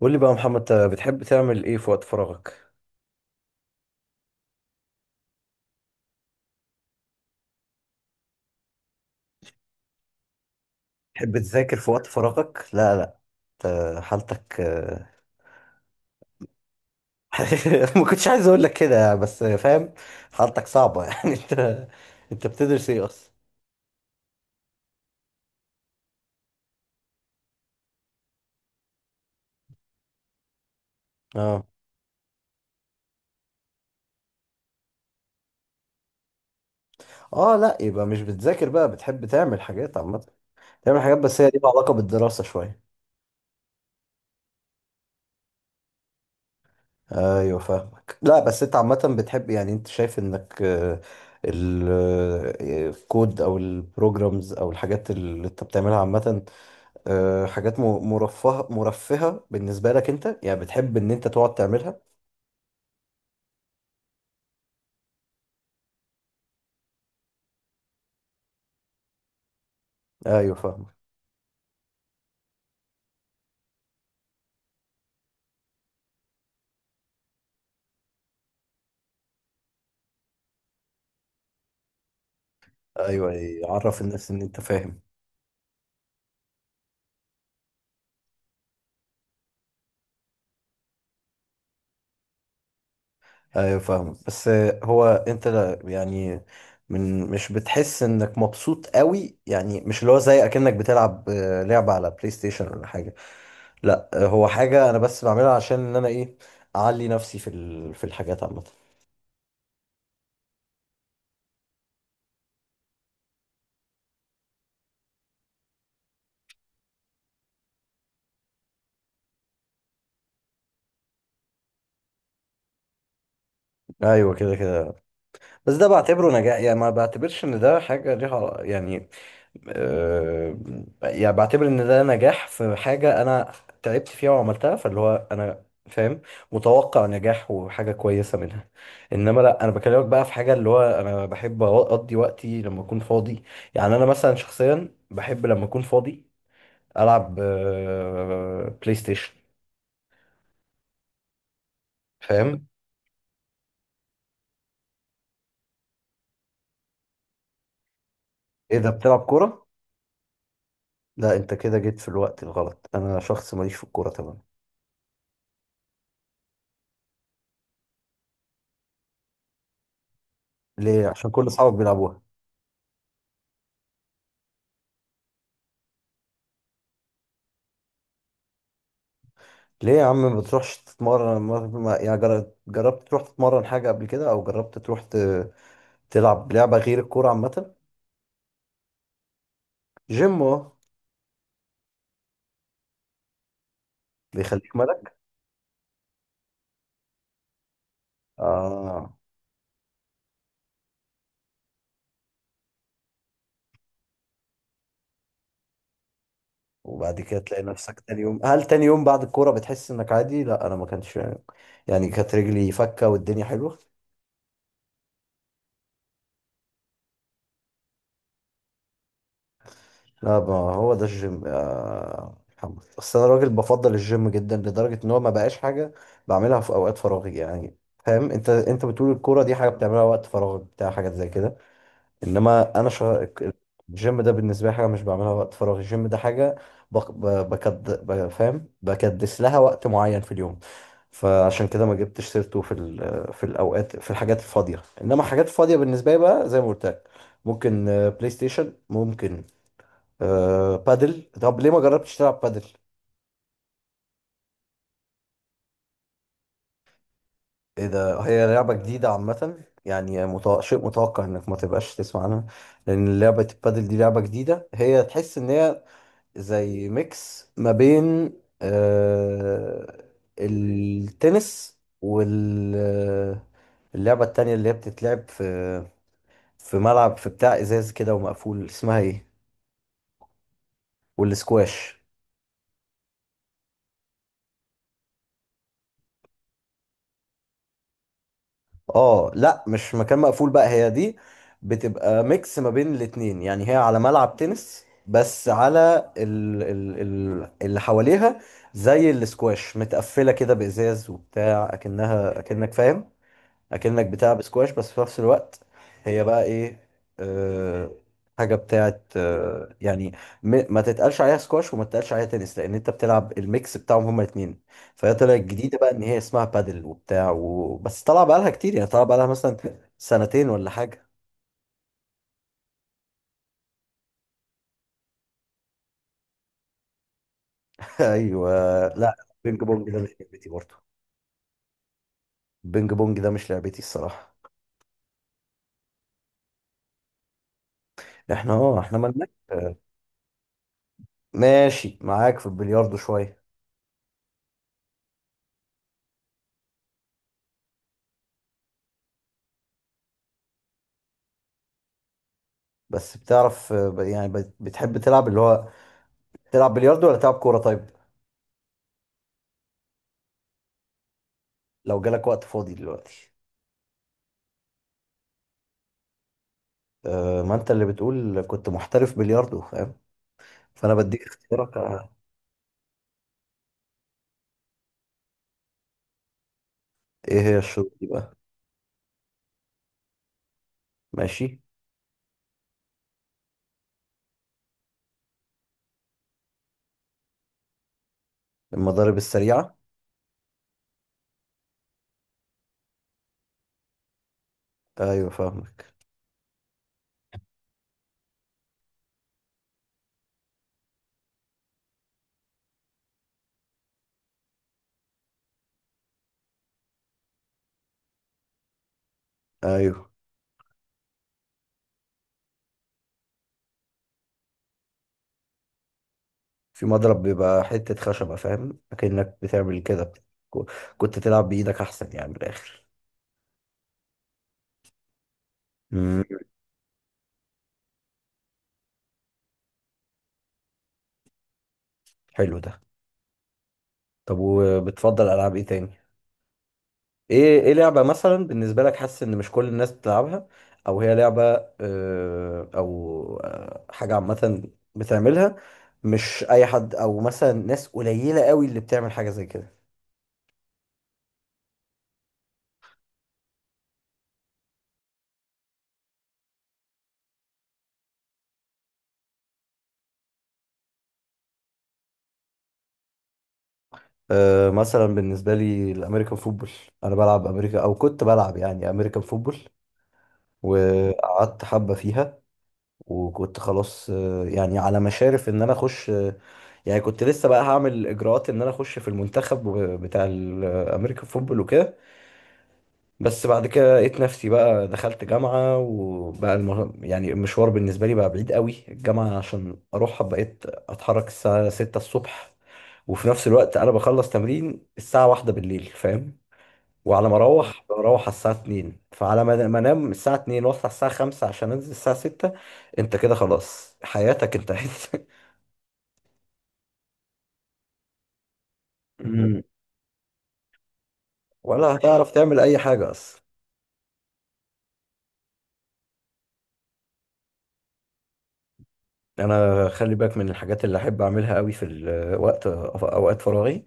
قول لي بقى يا محمد، انت بتحب تعمل ايه في وقت فراغك؟ تحب تذاكر في وقت فراغك؟ لا، لا، انت حالتك ما كنتش عايز اقول لك كده يعني، بس فاهم. حالتك صعبة. يعني انت بتدرس ايه اصلا؟ اه. اه، لا، يبقى مش بتذاكر بقى، بتحب تعمل حاجات عامة. تعمل حاجات بس هي ليها علاقة بالدراسة شوية. ايوه فاهمك. لا بس انت عامة بتحب، يعني انت شايف انك الكود او البروجرامز او الحاجات اللي انت بتعملها عامة، حاجات مرفهة بالنسبة لك انت، يعني بتحب ان انت تقعد تعملها. ايوه فاهمك. ايوه، أيوة، عرف الناس ان انت فاهم. ايوه فاهمك، بس هو انت، لا يعني، من مش بتحس انك مبسوط قوي؟ يعني مش اللي هو زي اكنك بتلعب لعبة على بلاي ستيشن ولا حاجة. لا هو حاجة انا بس بعملها عشان ان انا ايه، اعلي نفسي في في الحاجات عامة. ايوه كده كده. بس ده بعتبره نجاح، يعني ما بعتبرش ان ده حاجه ليها يعني، آه، يعني بعتبر ان ده نجاح في حاجة انا تعبت فيها وعملتها، فاللي هو انا فاهم متوقع نجاح وحاجة كويسة منها. انما لا، انا بكلمك بقى في حاجة اللي هو انا بحب اقضي وقتي لما اكون فاضي. يعني انا مثلا شخصيا بحب لما اكون فاضي العب بلاي ستيشن. فاهم؟ ايه ده، بتلعب كورة؟ لا، انت كده جيت في الوقت الغلط، انا شخص ماليش في الكورة، تمام. ليه؟ عشان كل اصحابك بيلعبوها؟ ليه يا عم ما بتروحش تتمرن؟ يعني جربت تروح تتمرن حاجة قبل كده؟ أو جربت تروح تلعب لعبة غير الكورة عامة؟ جيم أهو. بيخليك ملك. آه، وبعد كده تلاقي نفسك تاني يوم. هل تاني يوم بعد الكورة بتحس إنك عادي؟ لا، أنا ما كانش يعني، كانت رجلي فكة والدنيا حلوة. لا، ما هو ده الجيم يا محمد، أصل أنا راجل بفضل الجيم جدا لدرجة إن هو ما بقاش حاجة بعملها في أوقات فراغي يعني. فاهم، أنت بتقول الكورة دي حاجة بتعملها وقت فراغك بتاع حاجات زي كده. انما انا. الجيم ده بالنسبه لي حاجه مش بعملها وقت فراغ، الجيم ده حاجه بق... ب... بكد... ب... فاهم، بكدس لها وقت معين في اليوم. فعشان كده ما جبتش سيرته في الاوقات، في الحاجات الفاضيه. انما الحاجات الفاضيه بالنسبه لي بقى، زي ما قلت لك، ممكن بلاي ستيشن، ممكن بادل. طب ليه ما جربتش تلعب بادل؟ ايه ده، هي لعبه جديده عامه، يعني شيء متوقع انك ما تبقاش تسمع عنها، لان لعبه البادل دي لعبه جديده. هي تحس ان هي زي ميكس ما بين آه التنس واللعبة التانية اللي هي بتتلعب في ملعب، في بتاع ازاز كده ومقفول، اسمها ايه، والسكواش. اه لا، مش مكان مقفول بقى، هي دي بتبقى ميكس ما بين الاتنين. يعني هي على ملعب تنس، بس على ال اللي حواليها زي السكواش، متقفلة كده بإزاز وبتاع، أكنك فاهم، اكنك بتلعب سكواش بس في نفس الوقت هي بقى ايه، أه حاجه بتاعت، يعني، ما تتقالش عليها سكواش وما تتقالش عليها تنس، لان انت بتلعب الميكس بتاعهم هما الاثنين. فهي طلعت جديده بقى ان هي اسمها بادل وبتاع بس طالعه بقى لها كتير، يعني طالعه بقى لها مثلا 2 سنتين ولا حاجه. ايوه. لا، بينج بونج ده مش لعبتي برضه. بينج بونج ده مش لعبتي الصراحه. احنا، اه، احنا مالناش ماشي معاك في البلياردو شويه. بس بتعرف، يعني بتحب تلعب اللي هو، تلعب بلياردو ولا تلعب كورة؟ طيب لو جالك وقت فاضي دلوقتي؟ أه، ما انت اللي بتقول كنت محترف بلياردو فاهم، فانا بديك اختيارك. ايه هي الشروط دي بقى؟ ماشي. المضارب السريعة. ايوه فاهمك. ايوه، في مضرب بيبقى حتة خشبة، فاهم، اكنك بتعمل كده، كو- كنت تلعب بايدك احسن يعني من الاخر. مم، حلو ده. طب وبتفضل العاب ايه تاني؟ ايه لعبة مثلا بالنسبة لك حاسس ان مش كل الناس بتلعبها، او هي لعبة او حاجة عامة بتعملها مش اي حد، او مثلا ناس قليلة قوي اللي بتعمل حاجة زي كده؟ مثلا بالنسبة لي الامريكان فوتبول. انا بلعب امريكا او كنت بلعب يعني امريكان فوتبول، وقعدت حبة فيها، وكنت خلاص يعني على مشارف ان انا اخش، يعني كنت لسه بقى هعمل اجراءات ان انا اخش في المنتخب بتاع الامريكان فوتبول وكده. بس بعد كده لقيت نفسي بقى دخلت جامعة وبقى يعني المشوار بالنسبة لي بقى بعيد قوي، الجامعة عشان أروحها بقيت أتحرك الساعة 6 الصبح. وفي نفس الوقت أنا بخلص تمرين الساعة 1 بالليل، فاهم؟ وعلى ما بروح على الساعة 2، فعلى ما أنام الساعة 2 وأصحى الساعة 5 عشان أنزل الساعة 6. أنت كده خلاص حياتك انتهت. مم. ولا هتعرف تعمل أي حاجة أصلا. أنا خلي بالك، من الحاجات اللي أحب أعملها قوي في أوقات فراغي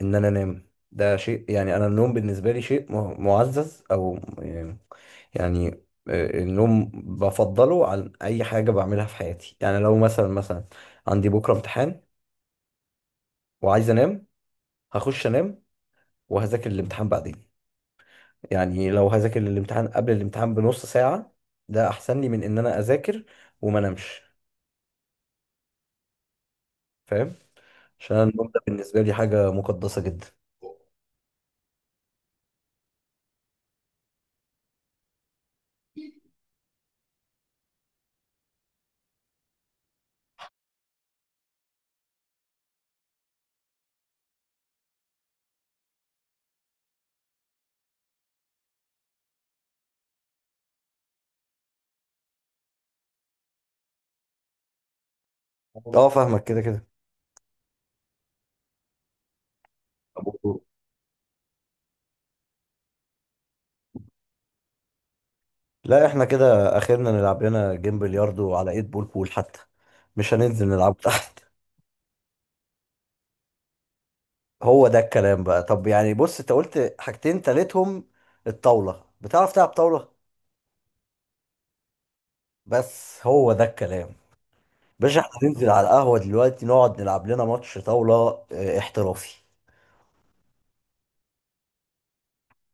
ان انا انام. ده شيء يعني، انا النوم بالنسبه لي شيء معزز او يعني، النوم بفضله عن اي حاجه بعملها في حياتي. يعني لو مثلا عندي بكره امتحان وعايز انام، هخش انام وهذاكر الامتحان بعدين. يعني لو هذاكر الامتحان قبل الامتحان بنص ساعه، ده احسن لي من ان انا اذاكر وما انامش، فاهم؟ عشان النوم ده بالنسبه لي حاجه مقدسه جدا. اه فاهمك، كده كده. لا احنا كده اخرنا نلعب لنا جيم بلياردو على ايد بول بول حتى، مش هننزل نلعب تحت. هو ده الكلام بقى. طب يعني، بص، انت قلت حاجتين تالتهم الطاولة. بتعرف تلعب طاولة؟ بس هو ده الكلام. باشا احنا هننزل على القهوة دلوقتي نقعد نلعب لنا ماتش طاولة. اه، احترافي.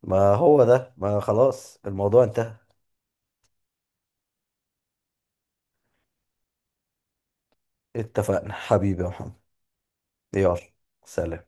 ما هو ده، ما خلاص الموضوع انتهى. اتفقنا حبيبي يا محمد. يلا. سلام.